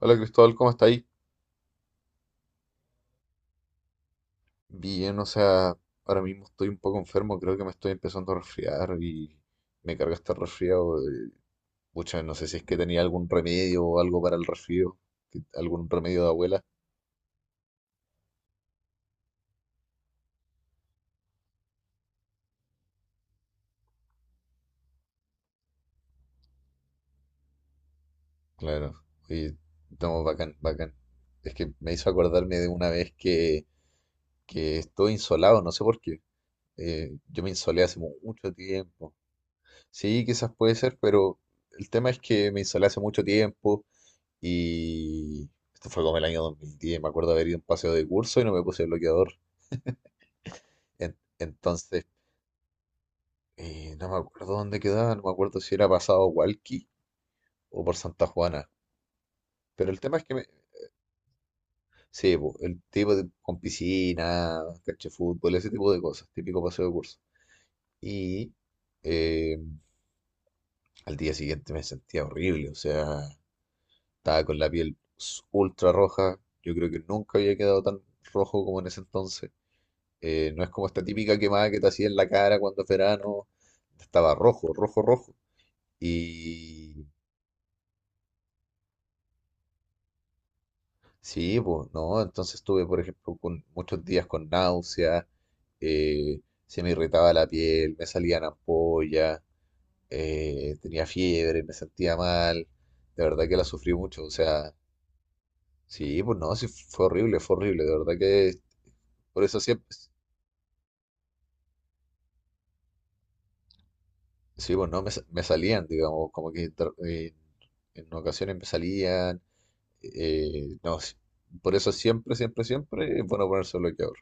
Hola Cristóbal, ¿cómo está ahí? Bien, o sea, ahora mismo estoy un poco enfermo, creo que me estoy empezando a resfriar y me carga este resfriado. Pucha, no sé si es que tenía algún remedio o algo para el resfrío, algún remedio de abuela. Claro, oye, estamos bacán, bacán. Es que me hizo acordarme de una vez que estuve insolado, no sé por qué. Yo me insolé hace mucho tiempo. Sí, quizás puede ser, pero el tema es que me insolé hace mucho tiempo. Y esto fue como el año 2010. Me acuerdo haber ido a un paseo de curso y no me puse bloqueador. Entonces, no me acuerdo dónde quedaba, no me acuerdo si era pasado Hualqui o por Santa Juana. Pero el tema es que me... Sí, po, el tipo de, con piscina, cancha de fútbol, ese tipo de cosas, típico paseo de curso. Y eh, al día siguiente me sentía horrible, o sea, estaba con la piel ultra roja. Yo creo que nunca había quedado tan rojo como en ese entonces. No es como esta típica quemada que te hacía en la cara cuando es verano. Estaba rojo, rojo, rojo. Y sí, pues no. Entonces estuve, por ejemplo, con muchos días con náuseas. eh, Se me irritaba la piel, me salían ampollas, tenía fiebre, me sentía mal. De verdad que la sufrí mucho. O sea, sí, pues no, sí, fue horrible, fue horrible. De verdad que por eso siempre, sí, pues no, me salían, digamos, como que en ocasiones me salían. No, por eso siempre, siempre, siempre es bueno ponerse bloqueador.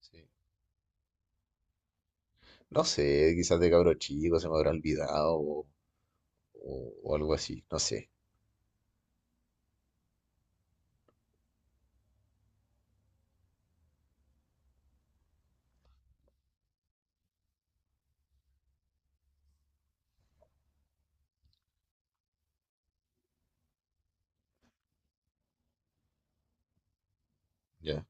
Sí. No sé, quizás de cabro chico se me habrá olvidado o algo así, no sé. Ya,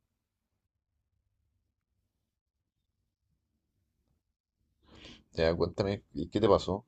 ya, cuéntame, ¿y qué te pasó?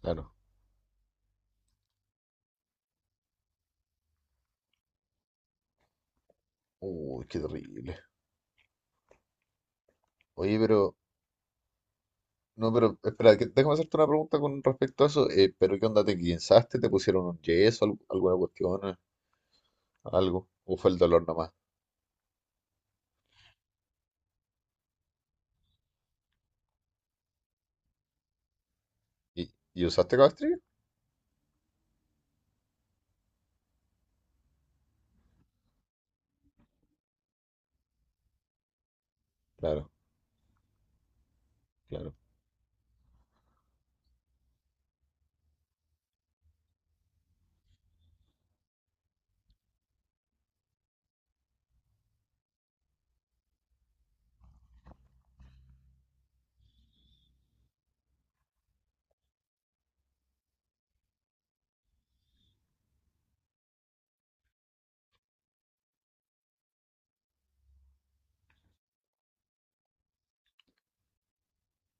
Claro. Uy, qué terrible. Oye, pero, no, pero, espera, déjame hacerte una pregunta con respecto a eso. ¿Pero qué onda? ¿Te guinzaste? ¿Te pusieron un yeso? ¿Alguna cuestión? ¿Algo? ¿O fue el dolor nomás? ¿Y, y usaste cabestrillo? Claro, claro.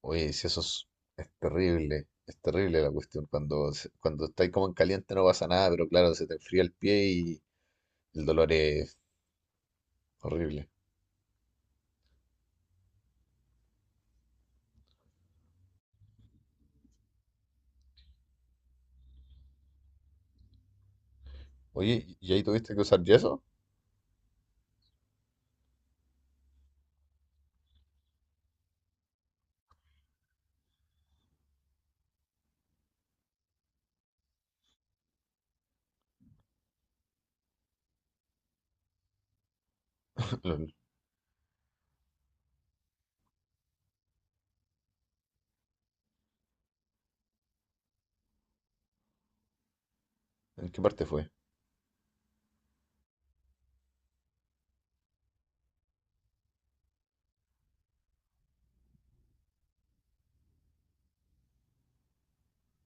Oye, si eso es terrible, es terrible la cuestión. Cuando estáis como en caliente no pasa nada, pero claro, se te enfría el pie y el dolor es horrible. Oye, ¿y ahí tuviste que usar yeso? Lol, ¿en qué parte fue?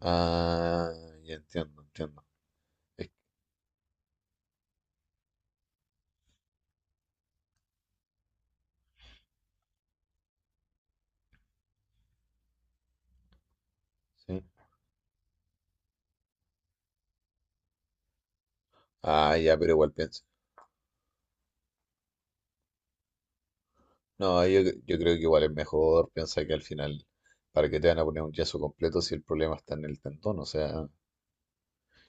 Ah, ya entiendo, entiendo. Es- sí. Ah, ya, pero igual piensa. No, yo creo que igual es mejor. Piensa que al final, ¿para qué te van a poner un yeso completo si el problema está en el tendón? O sea,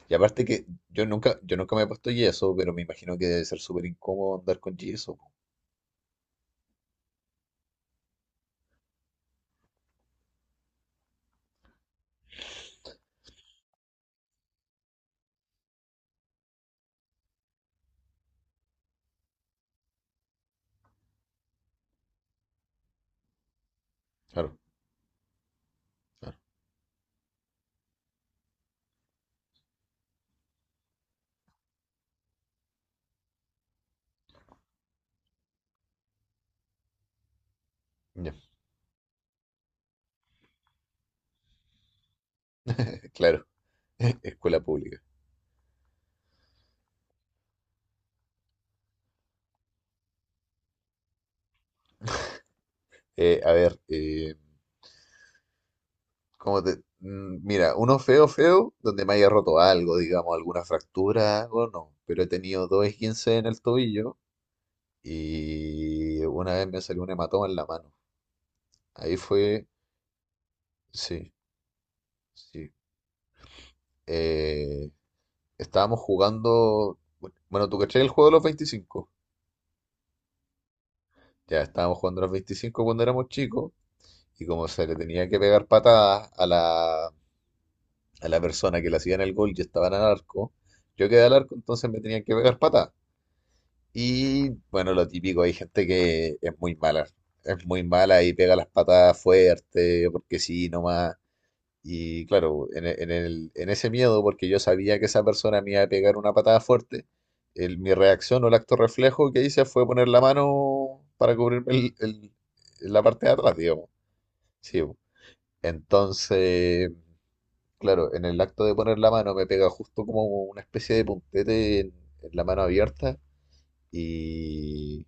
y aparte que yo nunca me he puesto yeso, pero me imagino que debe ser súper incómodo andar con yeso. Claro, claro. Ya, claro. Escuela pública. A ver, ¿cómo te...? Mira, uno feo, feo, donde me haya roto algo, digamos, alguna fractura, algo, no. Pero he tenido dos esguinces en el tobillo y una vez me salió un hematoma en la mano. Ahí fue, sí, sí. Eh, Estábamos jugando, bueno, ¿tú cachai el juego de los 25? Ya estábamos jugando los 25 cuando éramos chicos y como se le tenía que pegar patadas a la persona que le hacían el gol, yo estaba en el arco, yo quedé al arco, entonces me tenían que pegar pata. Y bueno, lo típico, hay gente que es muy mala y pega las patadas fuerte, porque sí, nomás. Y claro, en, e- en el, en ese miedo, porque yo sabía que esa persona me iba a pegar una patada fuerte, mi reacción o el acto reflejo que hice fue poner la mano para cubrirme la parte de atrás, digamos. Sí, po, entonces. Claro, en el acto de poner la mano me pega justo como una especie de puntete en la mano abierta y,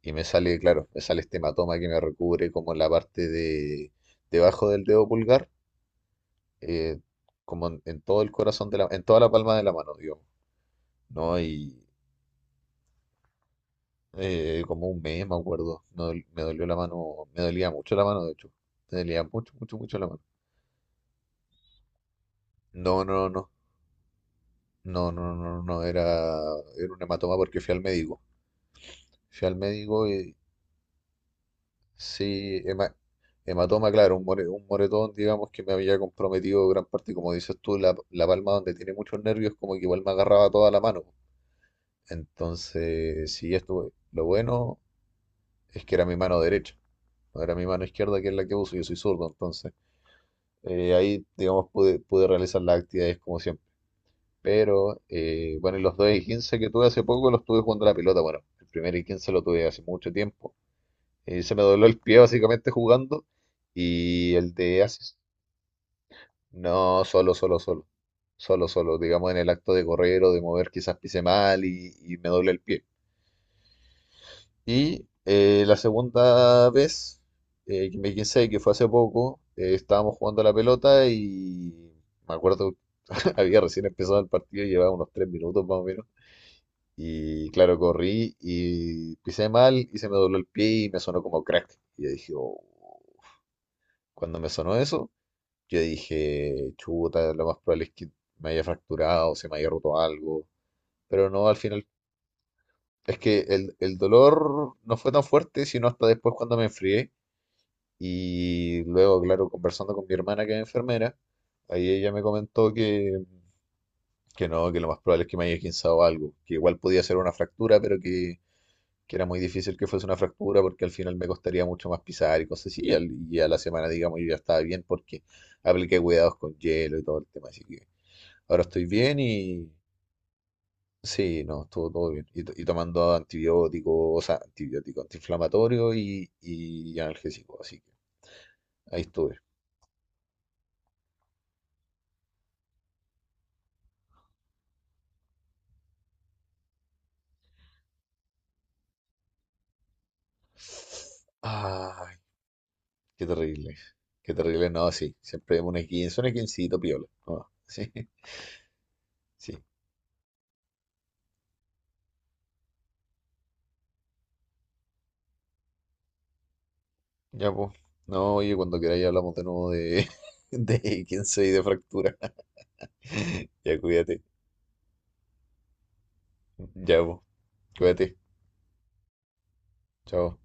y me sale, claro, me sale este hematoma que me recubre como la parte de debajo del dedo pulgar, eh, como en todo el corazón de la, en toda la palma de la mano, digamos, ¿no? Y como un mes, me acuerdo, me dolió la mano, me dolía mucho la mano, de hecho, me dolía mucho, mucho, mucho la mano. No, no, no, no, no, no, no, no, era un hematoma porque fui al médico. Fui al médico y, sí, hematoma, claro, un moretón, digamos, que me había comprometido gran parte, como dices tú, la palma donde tiene muchos nervios, como que igual me agarraba toda la mano. Entonces, sí, esto, lo bueno es que era mi mano derecha, no era mi mano izquierda, que es la que uso, yo soy zurdo, entonces ahí, digamos, pude realizar las actividades como siempre. Pero, bueno, y los 2 y 15 que tuve hace poco los tuve jugando a la pelota, bueno, el primer y 15 lo tuve hace mucho tiempo. Se me dobló el pie básicamente jugando. Y el de Asis, no, solo, solo, solo. Solo, solo. Digamos en el acto de correr o de mover, quizás pise mal y me doble el pie. Y la segunda vez, que me quise, que fue hace poco, estábamos jugando a la pelota y me acuerdo, había recién empezado el partido, llevaba unos 3 minutos más o menos. Y claro, corrí y pisé mal y se me dobló el pie y me sonó como crack. Y yo dije, "Oh", cuando me sonó eso, yo dije, chuta, lo más probable es que me haya fracturado, se me haya roto algo. Pero no, al final, es que el dolor no fue tan fuerte, sino hasta después cuando me enfrié. Y luego, claro, conversando con mi hermana, que es enfermera, ahí ella me comentó que, no, que lo más probable es que me haya esguinzado algo. Que igual podía ser una fractura, pero que era muy difícil que fuese una fractura porque al final me costaría mucho más pisar y cosas así. Y a la semana, digamos, yo ya estaba bien porque apliqué cuidados con hielo y todo el tema. Así que ahora estoy bien y sí, no, estuvo todo bien. Y tomando antibióticos, o sea, antibiótico antiinflamatorio y analgésico, así que ahí estuve. Ay, qué terrible, qué terrible, no, sí, siempre un esguince, un esguincito piola, no, sí, sí, ya pues. No, oye, cuando queráis hablamos de nuevo de, de esguince y de fractura. Ya cuídate, ya pues, cuídate, chao.